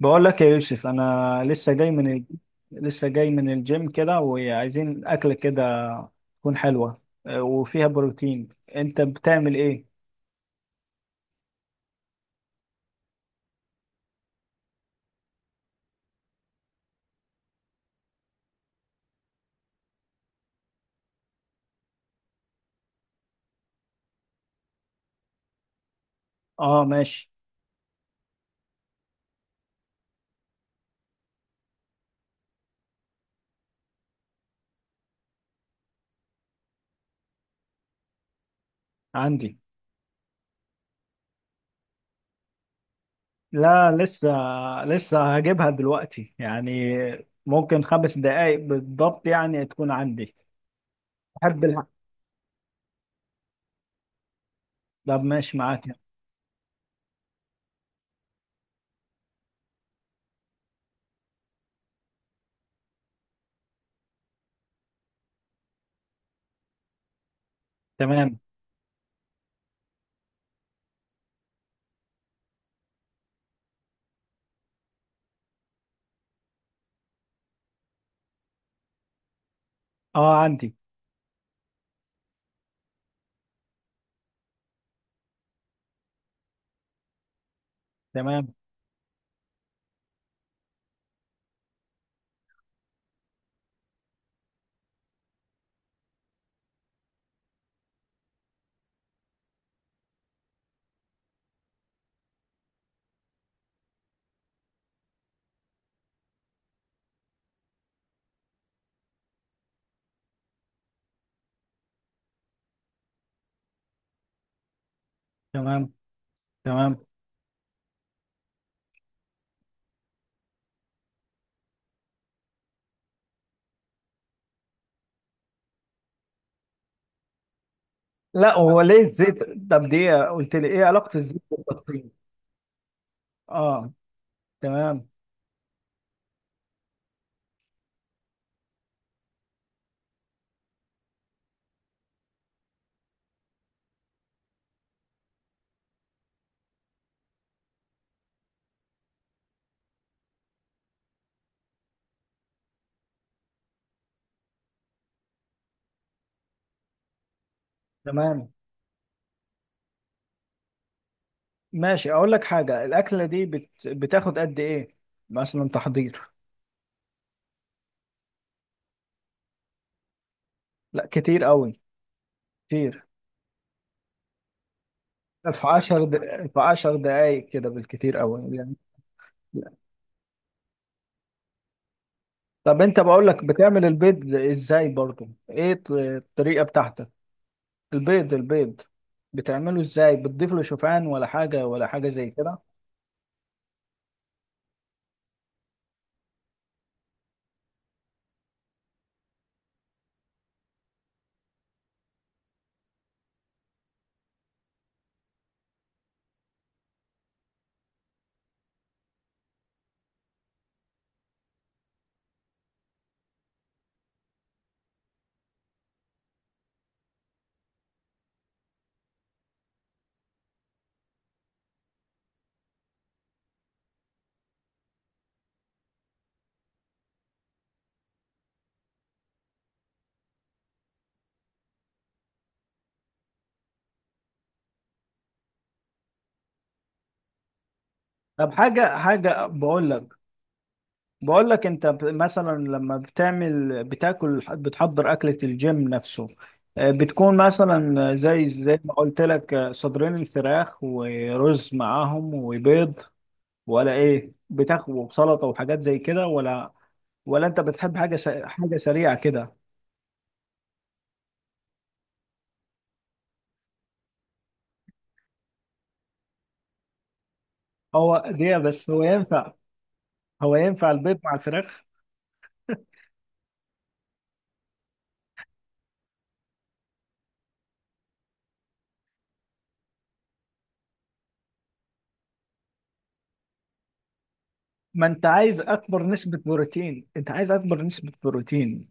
بقول لك يا يوسف، انا لسه جاي من الجيم كده، وعايزين اكله كده تكون حلوه، وفيها بروتين. انت بتعمل ايه؟ اه، ماشي. عندي. لا، لسه. لسه هجيبها دلوقتي يعني. ممكن خمس دقايق بالضبط يعني تكون عندي. احب الح... طب، ماشي معاك. تمام. اه، عندي. تمام. تمام. تمام. لا، هو ليه الزيت؟ طب دي قلت لي ايه علاقه الزيت بالبطيخ؟ اه. تمام. تمام. ماشي، اقول لك حاجه، الاكله دي بتاخد قد ايه؟ مثلا تحضير. لا، كتير قوي. كتير. في 10 د... في 10 دقائق كده بالكتير قوي يعني. طب انت بقول لك بتعمل البيض ازاي؟ برضو ايه الطريقه بتاعتك؟ البيض، البيض بتعمله ازاي؟ بتضيف له شوفان ولا حاجه، ولا حاجه زي كده؟ طب حاجه حاجه بقول لك. بقول لك، انت مثلا لما بتعمل بتاكل بتحضر اكلة الجيم نفسه، بتكون مثلا زي ما قلت لك، صدرين الفراخ ورز معاهم وبيض، ولا ايه؟ بتاخد وسلطة وحاجات زي كده، ولا؟ ولا انت بتحب حاجة سريعة كده؟ هو دي بس هو ينفع؟ هو ينفع البيض مع الفراخ؟ ما انت عايز اكبر نسبة بروتين، انت عايز اكبر نسبة بروتين.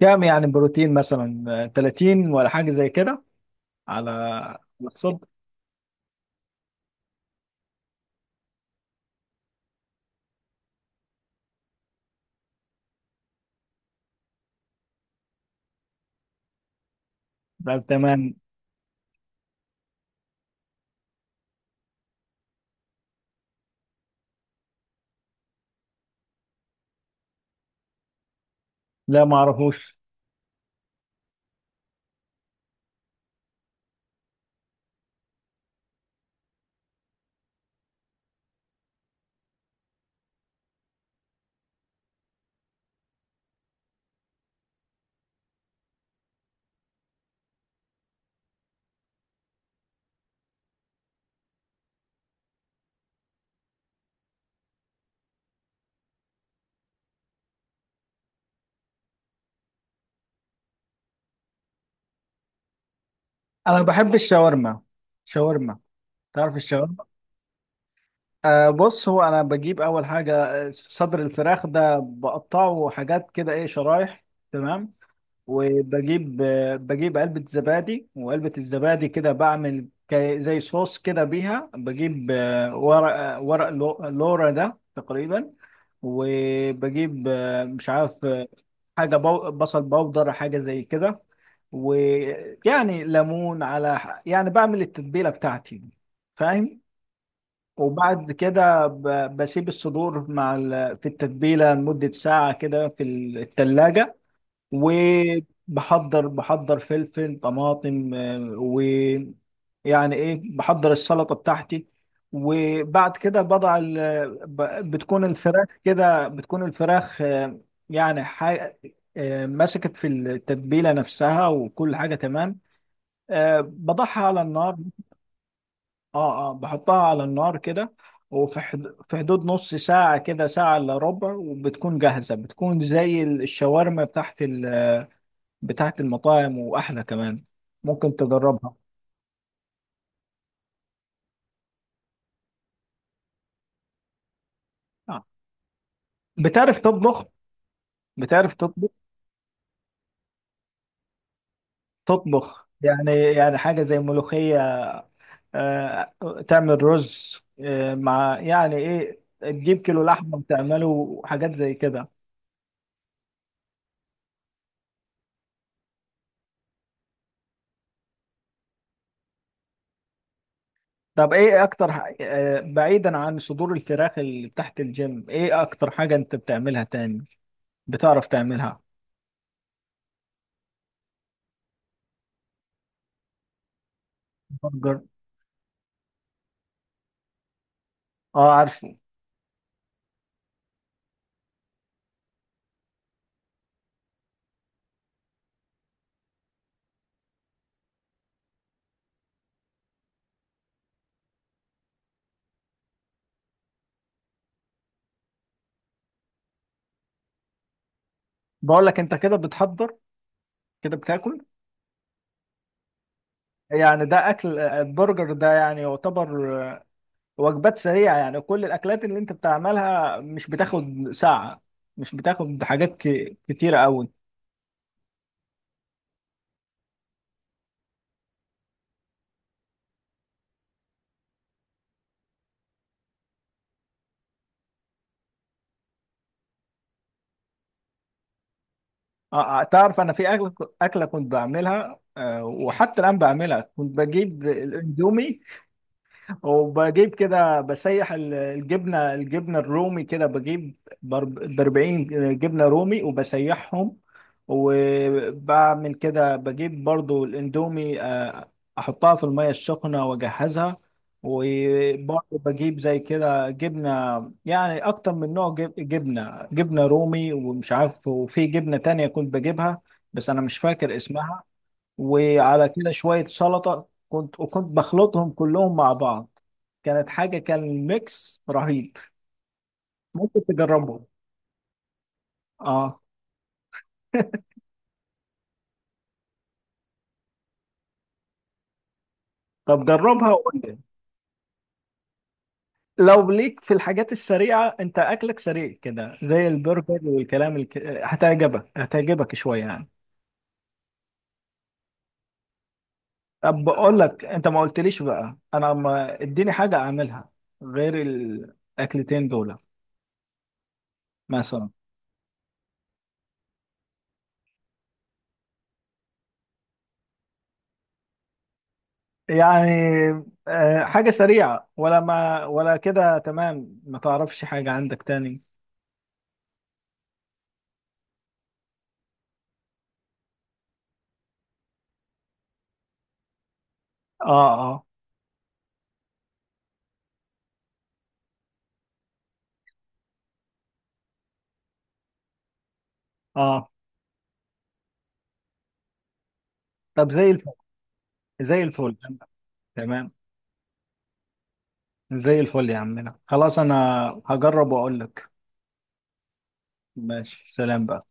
كام يعني بروتين مثلا، 30 ولا حاجة زي كده؟ على الصبح. طب، تمام. لا، ما اعرفوش. انا بحب الشاورما. شاورما. تعرف الشاورما؟ أه، بص، هو انا بجيب اول حاجه صدر الفراخ ده، بقطعه حاجات كده، ايه، شرايح. تمام. وبجيب آه، بجيب علبه زبادي، وعلبه الزبادي كده بعمل زي صوص كده بيها. بجيب ورق، لورا ده تقريبا. وبجيب، مش عارف، حاجة بصل بودر، حاجة زي كده. ويعني ليمون على يعني بعمل التتبيلة بتاعتي، فاهم. وبعد كده بسيب الصدور في التتبيلة لمدة ساعة كده في التلاجة. وبحضر فلفل طماطم، يعني ايه، بحضر السلطه بتاعتي. وبعد كده بتكون الفراخ آه، يعني حي... آه، مسكت في التتبيله نفسها، وكل حاجه تمام. بضعها على النار. اه، اه، بحطها على النار كده. في حدود نص ساعه كده، ساعه الا ربع، وبتكون جاهزه، بتكون زي الشاورما بتاعت المطاعم، واحلى كمان. ممكن تجربها. آه. بتعرف تطبخ؟ بتعرف تطبخ؟ تطبخ يعني حاجة زي ملوخية، آه، تعمل رز، مع، يعني ايه، تجيب كيلو لحمة وتعمله حاجات زي كده. طب ايه اكتر بعيدا عن صدور الفراخ اللي تحت الجيم، ايه اكتر حاجة انت بتعملها تاني؟ بتعرف تعملها. برجر. اه، عارفه. بقول لك انت كده بتحضر، كده بتاكل. يعني ده اكل، البرجر ده يعني يعتبر وجبات سريعة، يعني كل الأكلات اللي أنت بتعملها مش بتاخد ساعة، مش بتاخد حاجات كتيرة أوي. تعرف، أنا في أكلة، أكلة كنت بعملها، وحتى الآن بعملها، كنت بجيب الأندومي، وبجيب كده، بسيح الجبنه الرومي، كده بجيب ب 40 جبنه رومي وبسيحهم، وبعمل كده بجيب برضو الاندومي، احطها في الميه السخنه واجهزها، وبرضو بجيب زي كده جبنه، يعني اكتر من نوع، جبنه رومي، ومش عارف، وفي جبنه تانية كنت بجيبها، بس انا مش فاكر اسمها. وعلى كده شويه سلطه، كنت بخلطهم كلهم مع بعض. كانت حاجة، كان ميكس رهيب. ممكن تجربه. اه. طب جربها وقول لي. لو ليك في الحاجات السريعة، انت اكلك سريع كده زي البرجر والكلام هتعجبك شوية يعني. طب بقول لك، انت ما قلتليش بقى، انا، ما اديني حاجة اعملها غير الاكلتين دول، مثلا، يعني. حاجة سريعة ولا، ما ولا كده، تمام، ما تعرفش حاجة عندك تاني. اه، اه، اه. طب زي الفل. زي الفل. تمام. زي الفل يا عمنا، خلاص، انا هجرب واقول لك. ماشي، سلام بقى.